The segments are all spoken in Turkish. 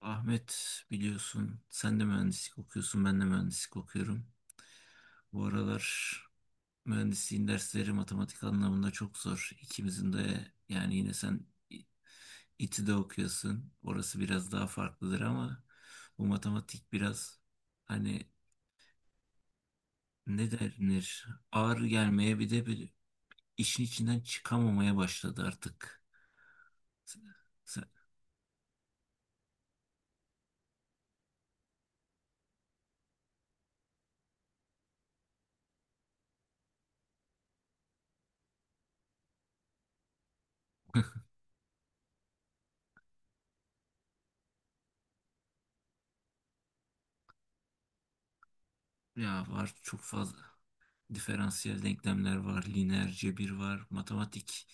Ahmet biliyorsun sen de mühendislik okuyorsun ben de mühendislik okuyorum. Bu aralar mühendisliğin dersleri matematik anlamında çok zor. İkimizin de yani yine sen İ- İTÜ'de okuyorsun. Orası biraz daha farklıdır ama bu matematik biraz hani ne denir ağır gelmeye bir işin içinden çıkamamaya başladı artık. Sen- ya var çok fazla. Diferansiyel denklemler var, lineer cebir var, matematik.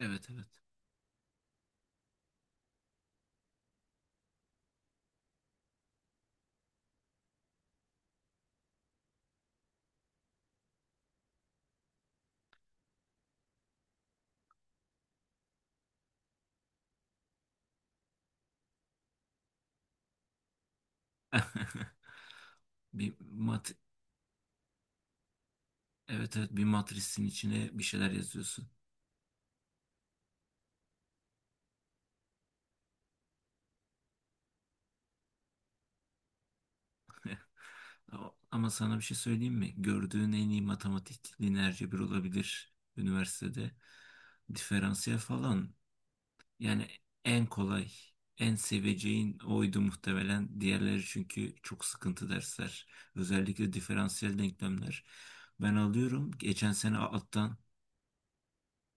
Evet, evet. Bir mat evet, evet, bir matrisin içine bir şeyler yazıyorsun. Ama sana bir şey söyleyeyim mi? Gördüğün en iyi matematik lineer cebir olabilir üniversitede. Diferansiyel falan yani en kolay, en seveceğin oydu muhtemelen. Diğerleri çünkü çok sıkıntı dersler. Özellikle diferansiyel denklemler. Ben alıyorum. Geçen sene alttan.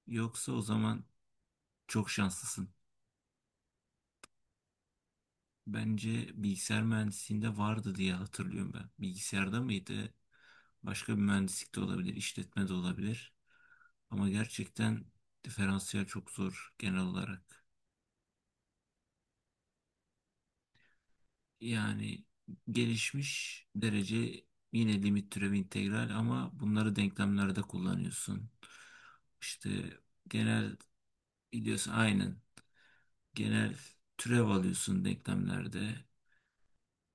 Yoksa o zaman çok şanslısın. Bence bilgisayar mühendisliğinde vardı diye hatırlıyorum ben. Bilgisayarda mıydı? Başka bir mühendislik de olabilir, işletme de olabilir. Ama gerçekten diferansiyel çok zor genel olarak. Yani gelişmiş derece yine limit türevi integral ama bunları denklemlerde kullanıyorsun. İşte genel biliyorsun aynen genel türev alıyorsun denklemlerde.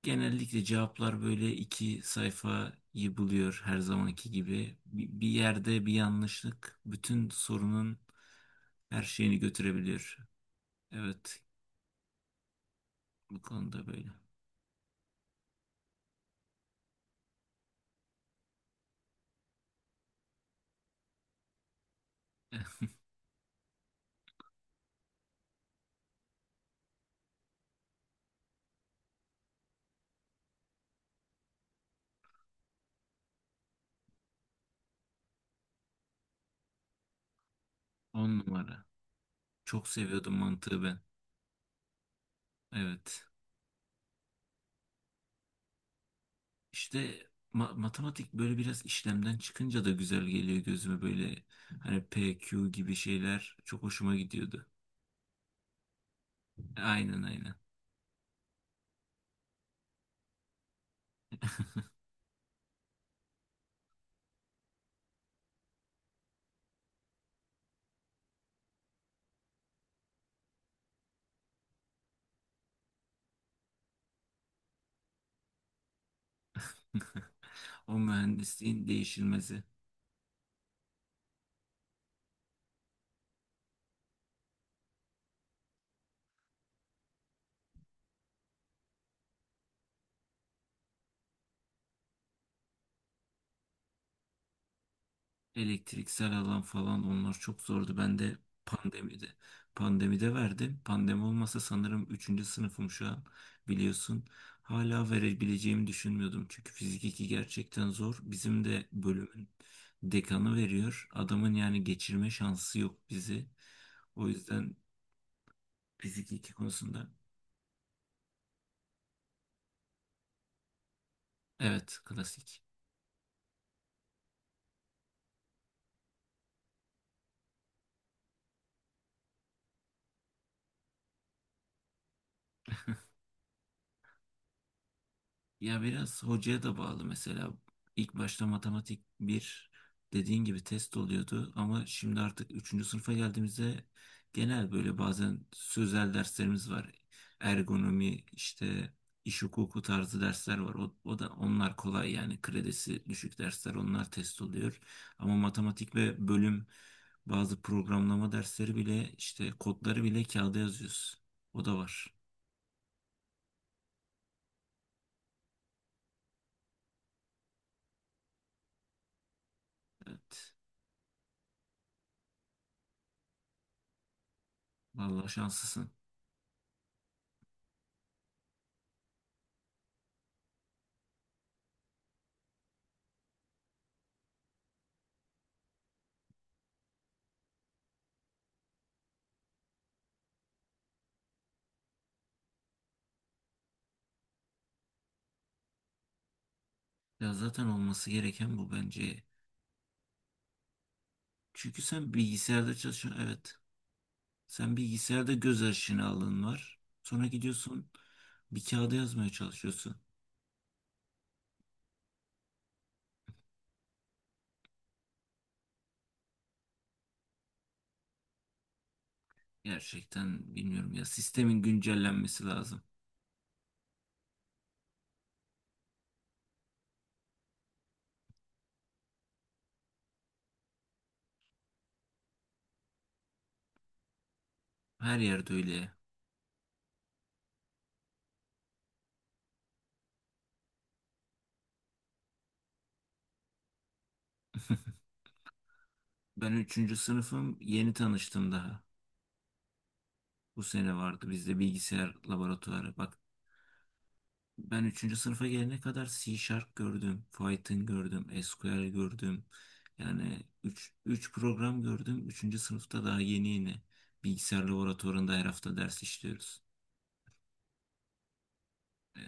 Genellikle cevaplar böyle iki sayfayı buluyor her zamanki gibi. Bir yerde bir yanlışlık bütün sorunun her şeyini götürebiliyor. Evet, bu konuda böyle. On numara. Çok seviyordum mantığı ben. Evet. İşte matematik böyle biraz işlemden çıkınca da güzel geliyor gözüme böyle hani P, Q gibi şeyler çok hoşuma gidiyordu. Aynen, aynen. O mühendisliğin değişilmezi. Elektriksel alan falan onlar çok zordu. Ben de pandemide pandemide verdim. Pandemi olmasa sanırım üçüncü sınıfım şu an biliyorsun. Hala verebileceğimi düşünmüyordum. Çünkü fizik 2 gerçekten zor. Bizim de bölümün dekanı veriyor. Adamın yani geçirme şansı yok bizi. O yüzden fizik 2 konusunda evet, klasik. Ya biraz hocaya da bağlı mesela. İlk başta matematik bir dediğin gibi test oluyordu ama şimdi artık üçüncü sınıfa geldiğimizde genel böyle bazen sözel derslerimiz var. Ergonomi işte iş hukuku tarzı dersler var. O da onlar kolay yani kredisi düşük dersler onlar test oluyor. Ama matematik ve bölüm bazı programlama dersleri bile işte kodları bile kağıda yazıyoruz. O da var. Evet. Vallahi şanslısın. Ya zaten olması gereken bu bence. Çünkü sen bilgisayarda çalışıyorsun. Evet. Sen bilgisayarda göz aşina alın var. Sonra gidiyorsun bir kağıda yazmaya çalışıyorsun. Gerçekten bilmiyorum ya. Sistemin güncellenmesi lazım. Her yerde öyle. Ben üçüncü sınıfım yeni tanıştım daha. Bu sene vardı bizde bilgisayar laboratuvarı. Bak, ben üçüncü sınıfa gelene kadar C Sharp gördüm, Python gördüm, SQL gördüm. Yani üç program gördüm. Üçüncü sınıfta daha yeni yeni bilgisayar laboratuvarında her hafta ders işliyoruz. E,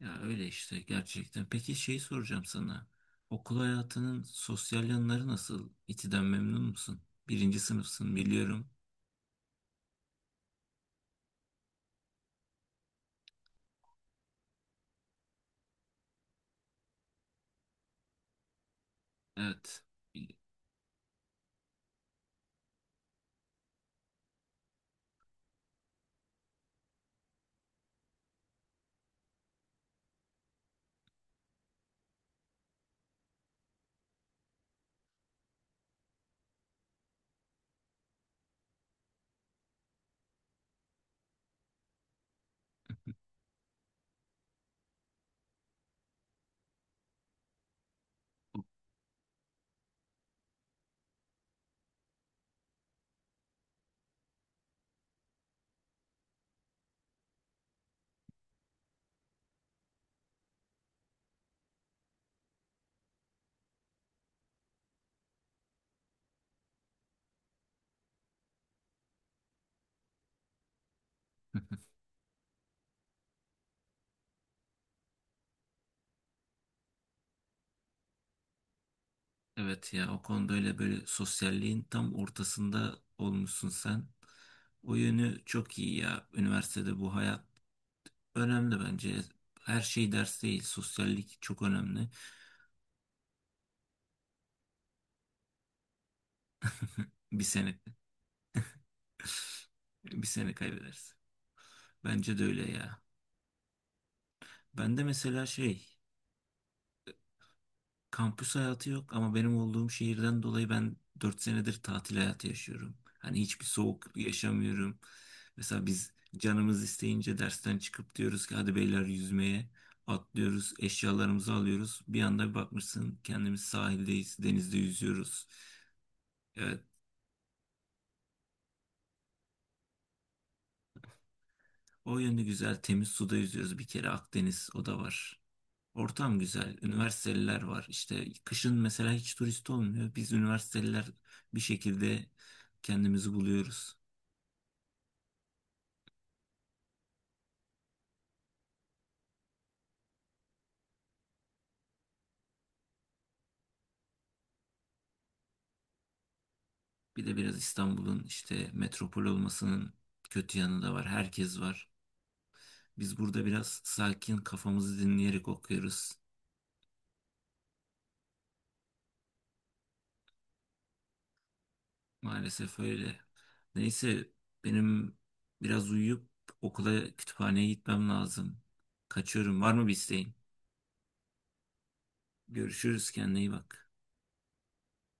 Ya öyle işte gerçekten. Peki şey soracağım sana. Okul hayatının sosyal yanları nasıl? İTÜ'den memnun musun? Birinci sınıfsın biliyorum. Evet. Evet ya, o konu böyle böyle sosyalliğin tam ortasında olmuşsun sen. O yönü çok iyi ya. Üniversitede bu hayat önemli bence. Her şey ders değil. Sosyallik çok önemli. Bir sene, bir sene kaybedersin. Bence de öyle ya. Ben de mesela şey Kampüs hayatı yok ama benim olduğum şehirden dolayı ben 4 senedir tatil hayatı yaşıyorum. Hani hiçbir soğuk yaşamıyorum. Mesela biz canımız isteyince dersten çıkıp diyoruz ki hadi beyler yüzmeye atlıyoruz, eşyalarımızı alıyoruz. Bir anda bir bakmışsın kendimiz sahildeyiz, denizde yüzüyoruz. Evet, o yönde güzel temiz suda yüzüyoruz bir kere Akdeniz o da var. Ortam güzel. Üniversiteliler var. İşte kışın mesela hiç turist olmuyor. Biz üniversiteliler bir şekilde kendimizi buluyoruz. Bir de biraz İstanbul'un işte metropol olmasının kötü yanı da var. Herkes var. Biz burada biraz sakin kafamızı dinleyerek okuyoruz. Maalesef öyle. Neyse, benim biraz uyuyup okula kütüphaneye gitmem lazım. Kaçıyorum. Var mı bir isteğin? Görüşürüz. Kendine iyi bak.